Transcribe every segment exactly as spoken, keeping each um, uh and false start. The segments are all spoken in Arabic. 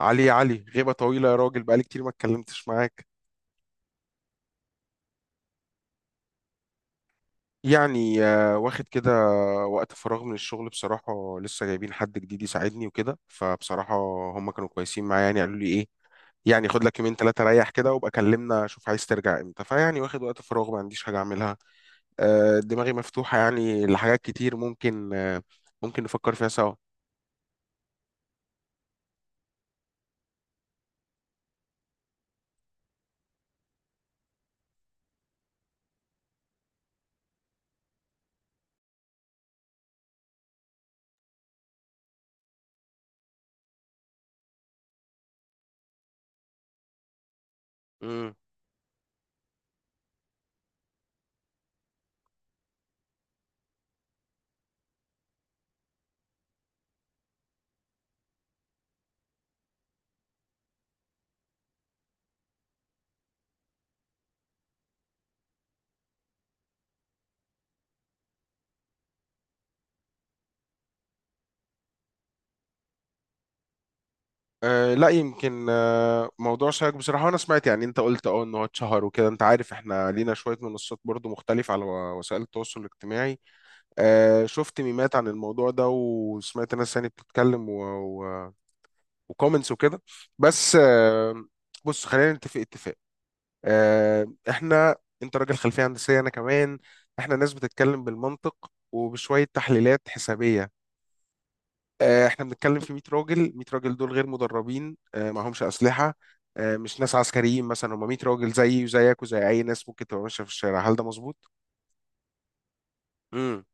علي يا علي، غيبة طويلة يا راجل. بقالي كتير ما اتكلمتش معاك. يعني آه، واخد كده وقت فراغ من الشغل، بصراحة. لسه جايبين حد جديد يساعدني وكده، فبصراحة هم كانوا كويسين معايا. يعني قالوا لي ايه، يعني خد لك يومين ثلاثة ريح كده وابقى كلمنا شوف عايز ترجع امتى. فيعني واخد وقت فراغ ما عنديش حاجة اعملها. آه، دماغي مفتوحة يعني لحاجات كتير، ممكن آه، ممكن نفكر فيها سوا. مم. أه، لا يمكن، أه موضوع شائك بصراحة. وأنا سمعت، يعني أنت قلت أه إن هو اتشهر وكده. أنت عارف إحنا لينا شوية منصات برضو مختلفة على وسائل التواصل الاجتماعي. أه شفت ميمات عن الموضوع ده، وسمعت ناس يعني بتتكلم و... و... وكومنتس وكده. بس أه بص، خلينا نتفق اتفاق. أه إحنا، أنت راجل خلفية هندسية، أنا كمان. إحنا ناس بتتكلم بالمنطق وبشوية تحليلات حسابية. آه، احنا بنتكلم في مية راجل، مية راجل دول غير مدربين، آه، معهمش اسلحه. آه، مش ناس عسكريين مثلا، هم مية راجل زيي وزيك وزي اي ناس ممكن تبقى ماشيه في الشارع. هل ده مظبوط؟ امم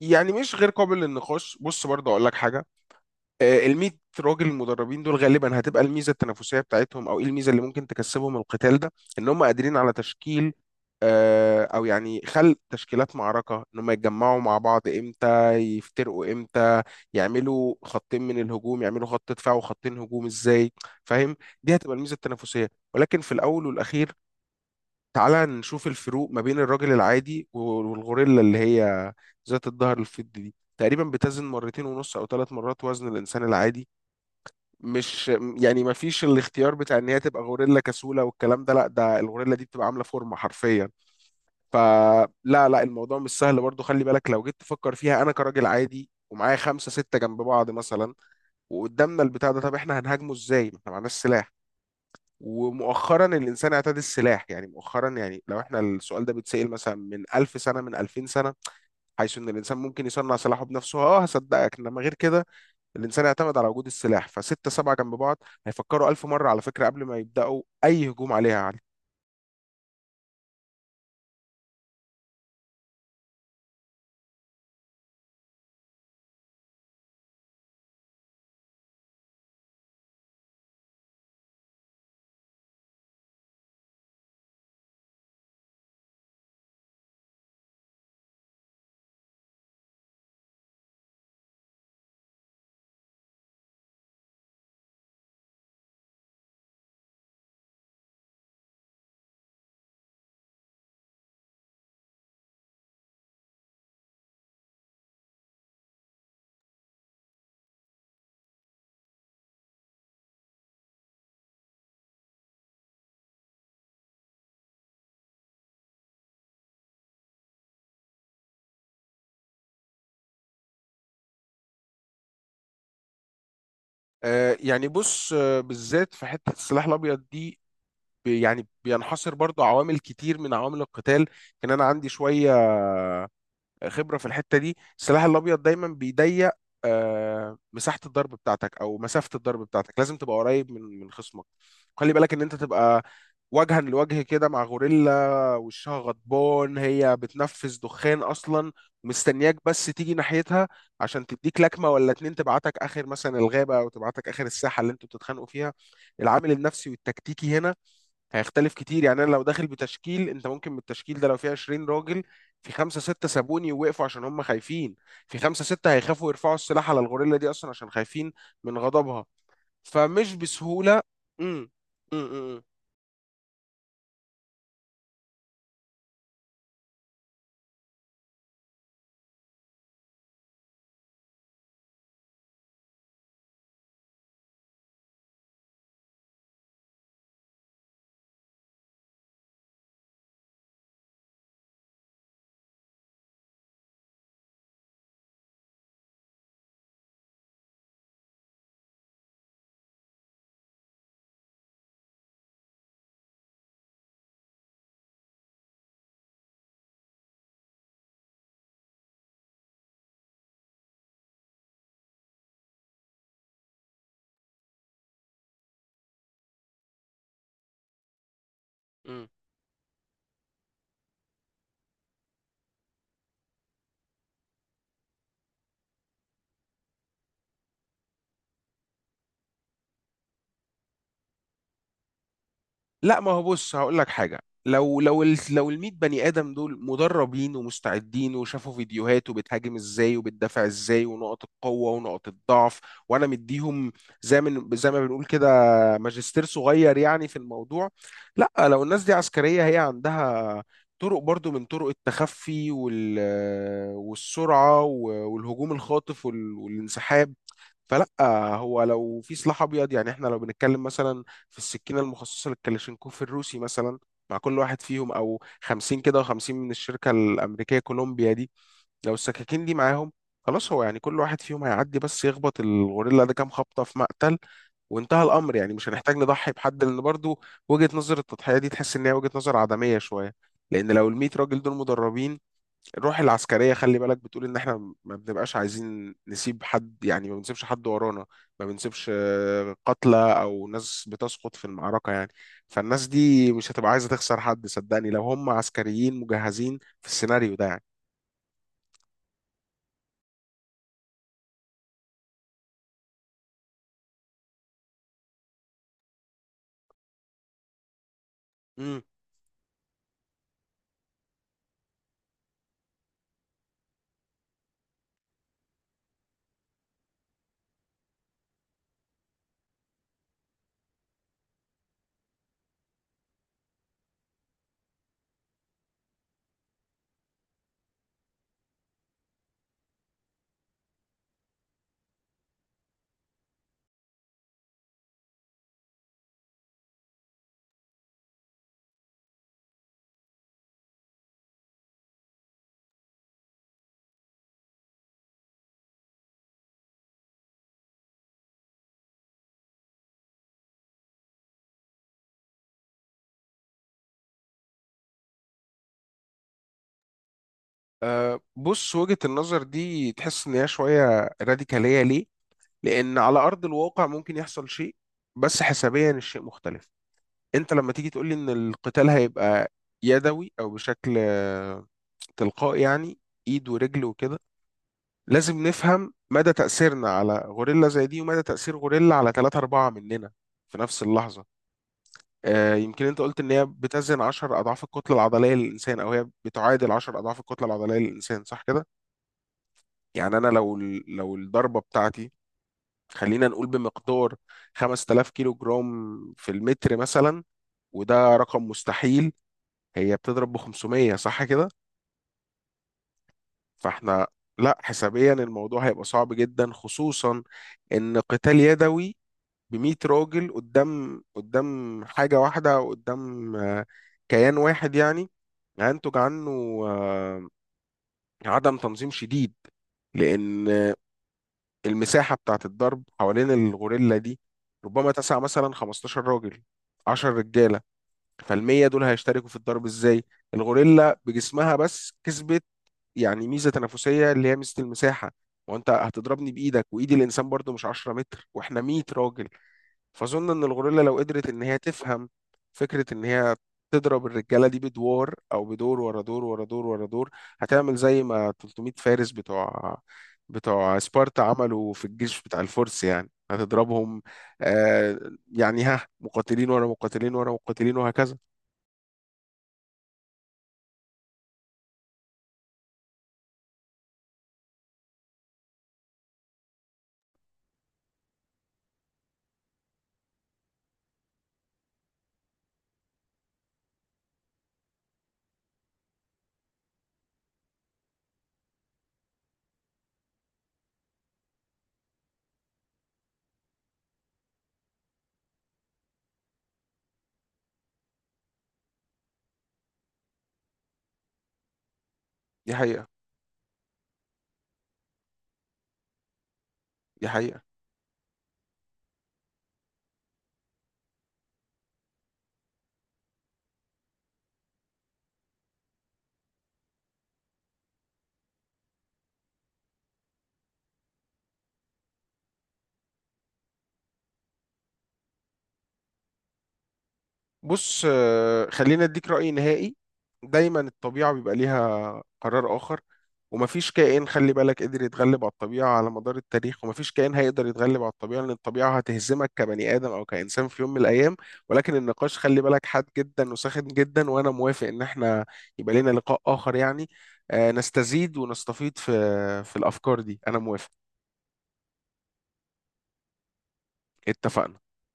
يعني مش غير قابل للنقاش. بص برضه اقول لك حاجه. آه، ال ميت راجل المدربين دول غالبا هتبقى الميزه التنافسيه بتاعتهم، او ايه الميزه اللي ممكن تكسبهم القتال ده؟ ان هم قادرين على تشكيل، آه، او يعني خلق تشكيلات معركه. ان هم يتجمعوا مع بعض امتى، يفترقوا امتى، يعملوا خطين من الهجوم، يعملوا خط دفاع وخطين هجوم ازاي. فاهم؟ دي هتبقى الميزه التنافسيه. ولكن في الاول والاخير، تعالى نشوف الفروق ما بين الراجل العادي والغوريلا اللي هي ذات الظهر الفضي دي. تقريبا بتزن مرتين ونص او ثلاث مرات وزن الانسان العادي. مش يعني ما فيش الاختيار بتاع ان هي تبقى غوريلا كسوله والكلام ده، لا، ده الغوريلا دي بتبقى عامله فورمه حرفيا. فلا لا لا، الموضوع مش سهل برضو. خلي بالك لو جيت تفكر فيها، انا كراجل عادي ومعايا خمسة ستة جنب بعض مثلا، وقدامنا البتاع ده، طب احنا هنهاجمه ازاي؟ ما احنا معناش سلاح. ومؤخرا الانسان اعتاد السلاح، يعني مؤخرا، يعني لو احنا السؤال ده بيتسأل مثلا من ألف سنة، من ألفين سنة حيث ان الانسان ممكن يصنع سلاحه بنفسه، اه هصدقك. انما غير كده، الانسان اعتمد على وجود السلاح. فستة سبعة جنب بعض هيفكروا ألف مرة على فكرة قبل ما يبدأوا اي هجوم عليها، يا علي. آه يعني بص، آه بالذات في حتة السلاح الابيض دي، بي- يعني بينحصر برضو عوامل كتير من عوامل القتال. ان انا عندي شوية خبره في الحته دي. السلاح الابيض دايما بيضيق آه، مساحه الضرب بتاعتك او مسافه الضرب بتاعتك. لازم تبقى قريب من من خصمك. خلي بالك ان انت تبقى وجها لوجه كده مع غوريلا وشها غضبان، هي بتنفس دخان اصلا، مستنياك بس تيجي ناحيتها عشان تديك لكمه ولا اتنين تبعتك اخر مثلا الغابه، او تبعتك اخر الساحه اللي انتوا بتتخانقوا فيها. العامل النفسي والتكتيكي هنا هيختلف كتير. يعني انا لو داخل بتشكيل، انت ممكن من التشكيل ده لو فيه عشرين راجل، في خمسة ستة سابوني ووقفوا عشان هم خايفين، في خمسة ستة هيخافوا يرفعوا السلاح على الغوريلا دي اصلا عشان خايفين من غضبها. فمش بسهولة. امم، امم، امم، امم. لا، ما هو بص هقول لك حاجه. لو لو ال لو ال مية بني ادم دول مدربين ومستعدين وشافوا فيديوهات وبتهاجم ازاي وبتدافع ازاي ونقط القوه ونقط الضعف، وانا مديهم زي من زي ما بنقول كده ماجستير صغير يعني في الموضوع. لا، لو الناس دي عسكريه، هي عندها طرق برضو من طرق التخفي وال والسرعه والهجوم الخاطف وال- والانسحاب. فلا. هو لو في سلاح ابيض، يعني احنا لو بنتكلم مثلا في السكينه المخصصه للكلاشينكوف الروسي مثلا مع كل واحد فيهم، او خمسين كده و50 من الشركه الامريكيه كولومبيا دي، لو السكاكين دي معاهم، خلاص. هو يعني كل واحد فيهم هيعدي بس يخبط الغوريلا ده كام خبطه في مقتل وانتهى الامر. يعني مش هنحتاج نضحي بحد، لان برضو وجهه نظر التضحيه دي تحس ان هي وجهه نظر عدميه شويه. لان لو ال مية راجل دول مدربين، الروح العسكرية خلي بالك بتقول إن إحنا ما بنبقاش عايزين نسيب حد. يعني ما بنسيبش حد ورانا، ما بنسيبش آه، قتلى أو ناس بتسقط في المعركة يعني. فالناس دي مش هتبقى عايزة تخسر حد، صدقني، لو هم عسكريين مجهزين في السيناريو ده يعني. مم. أه بص، وجهة النظر دي تحس إن هي شوية راديكالية. ليه؟ لأن على أرض الواقع ممكن يحصل شيء، بس حسابيا الشيء مختلف. أنت لما تيجي تقولي إن القتال هيبقى يدوي أو بشكل تلقائي يعني، ايد ورجل وكده، لازم نفهم مدى تأثيرنا على غوريلا زي دي، ومدى تأثير غوريلا على ثلاثة أربعة مننا في نفس اللحظة. آه يمكن أنت قلت إن هي بتزن عشر أضعاف الكتلة العضلية للإنسان، أو هي بتعادل عشر أضعاف الكتلة العضلية للإنسان، صح كده؟ يعني أنا لو ال- لو الضربة بتاعتي، خلينا نقول بمقدار خمس تلاف كيلو جرام في المتر مثلا، وده رقم مستحيل، هي بتضرب ب خمسمية، صح كده؟ فاحنا، لا، حسابيا الموضوع هيبقى صعب جدا. خصوصا ان قتال يدوي ب مية راجل قدام قدام حاجة واحدة او قدام آه، كيان واحد يعني، هينتج عنه آه، عدم تنظيم شديد. لان آه، المساحة بتاعت الضرب حوالين الغوريلا دي ربما تسع مثلا خمستاشر راجل، عشر رجالة. فالمية دول هيشتركوا في الضرب ازاي؟ الغوريلا بجسمها بس كسبت يعني ميزة تنافسية، اللي هي ميزة المساحة. وانت هتضربني بايدك، وايد الانسان برضو مش عشرة متر، واحنا مية راجل. فاظن ان الغوريلا لو قدرت ان هي تفهم فكرة ان هي تضرب الرجالة دي بدوار، او بدور ورا دور ورا دور ورا دور، هتعمل زي ما تلتمية فارس بتوع بتوع سبارتا عملوا في الجيش بتاع الفرس. يعني هتضربهم، آه يعني ها، مقاتلين ورا مقاتلين ورا مقاتلين وهكذا. دي حقيقة. دي حقيقة. بص، آه، خلينا اديك رأي نهائي. دايما الطبيعة بيبقى ليها قرار آخر، ومفيش كائن خلي بالك قدر يتغلب على الطبيعة على مدار التاريخ، ومفيش كائن هيقدر يتغلب على الطبيعة، لأن الطبيعة هتهزمك كبني آدم أو كإنسان في يوم من الأيام. ولكن النقاش خلي بالك حاد جدا وساخن جدا، وأنا موافق إن احنا يبقى لنا لقاء آخر يعني آه، نستزيد ونستفيد في في الأفكار دي. أنا موافق. اتفقنا.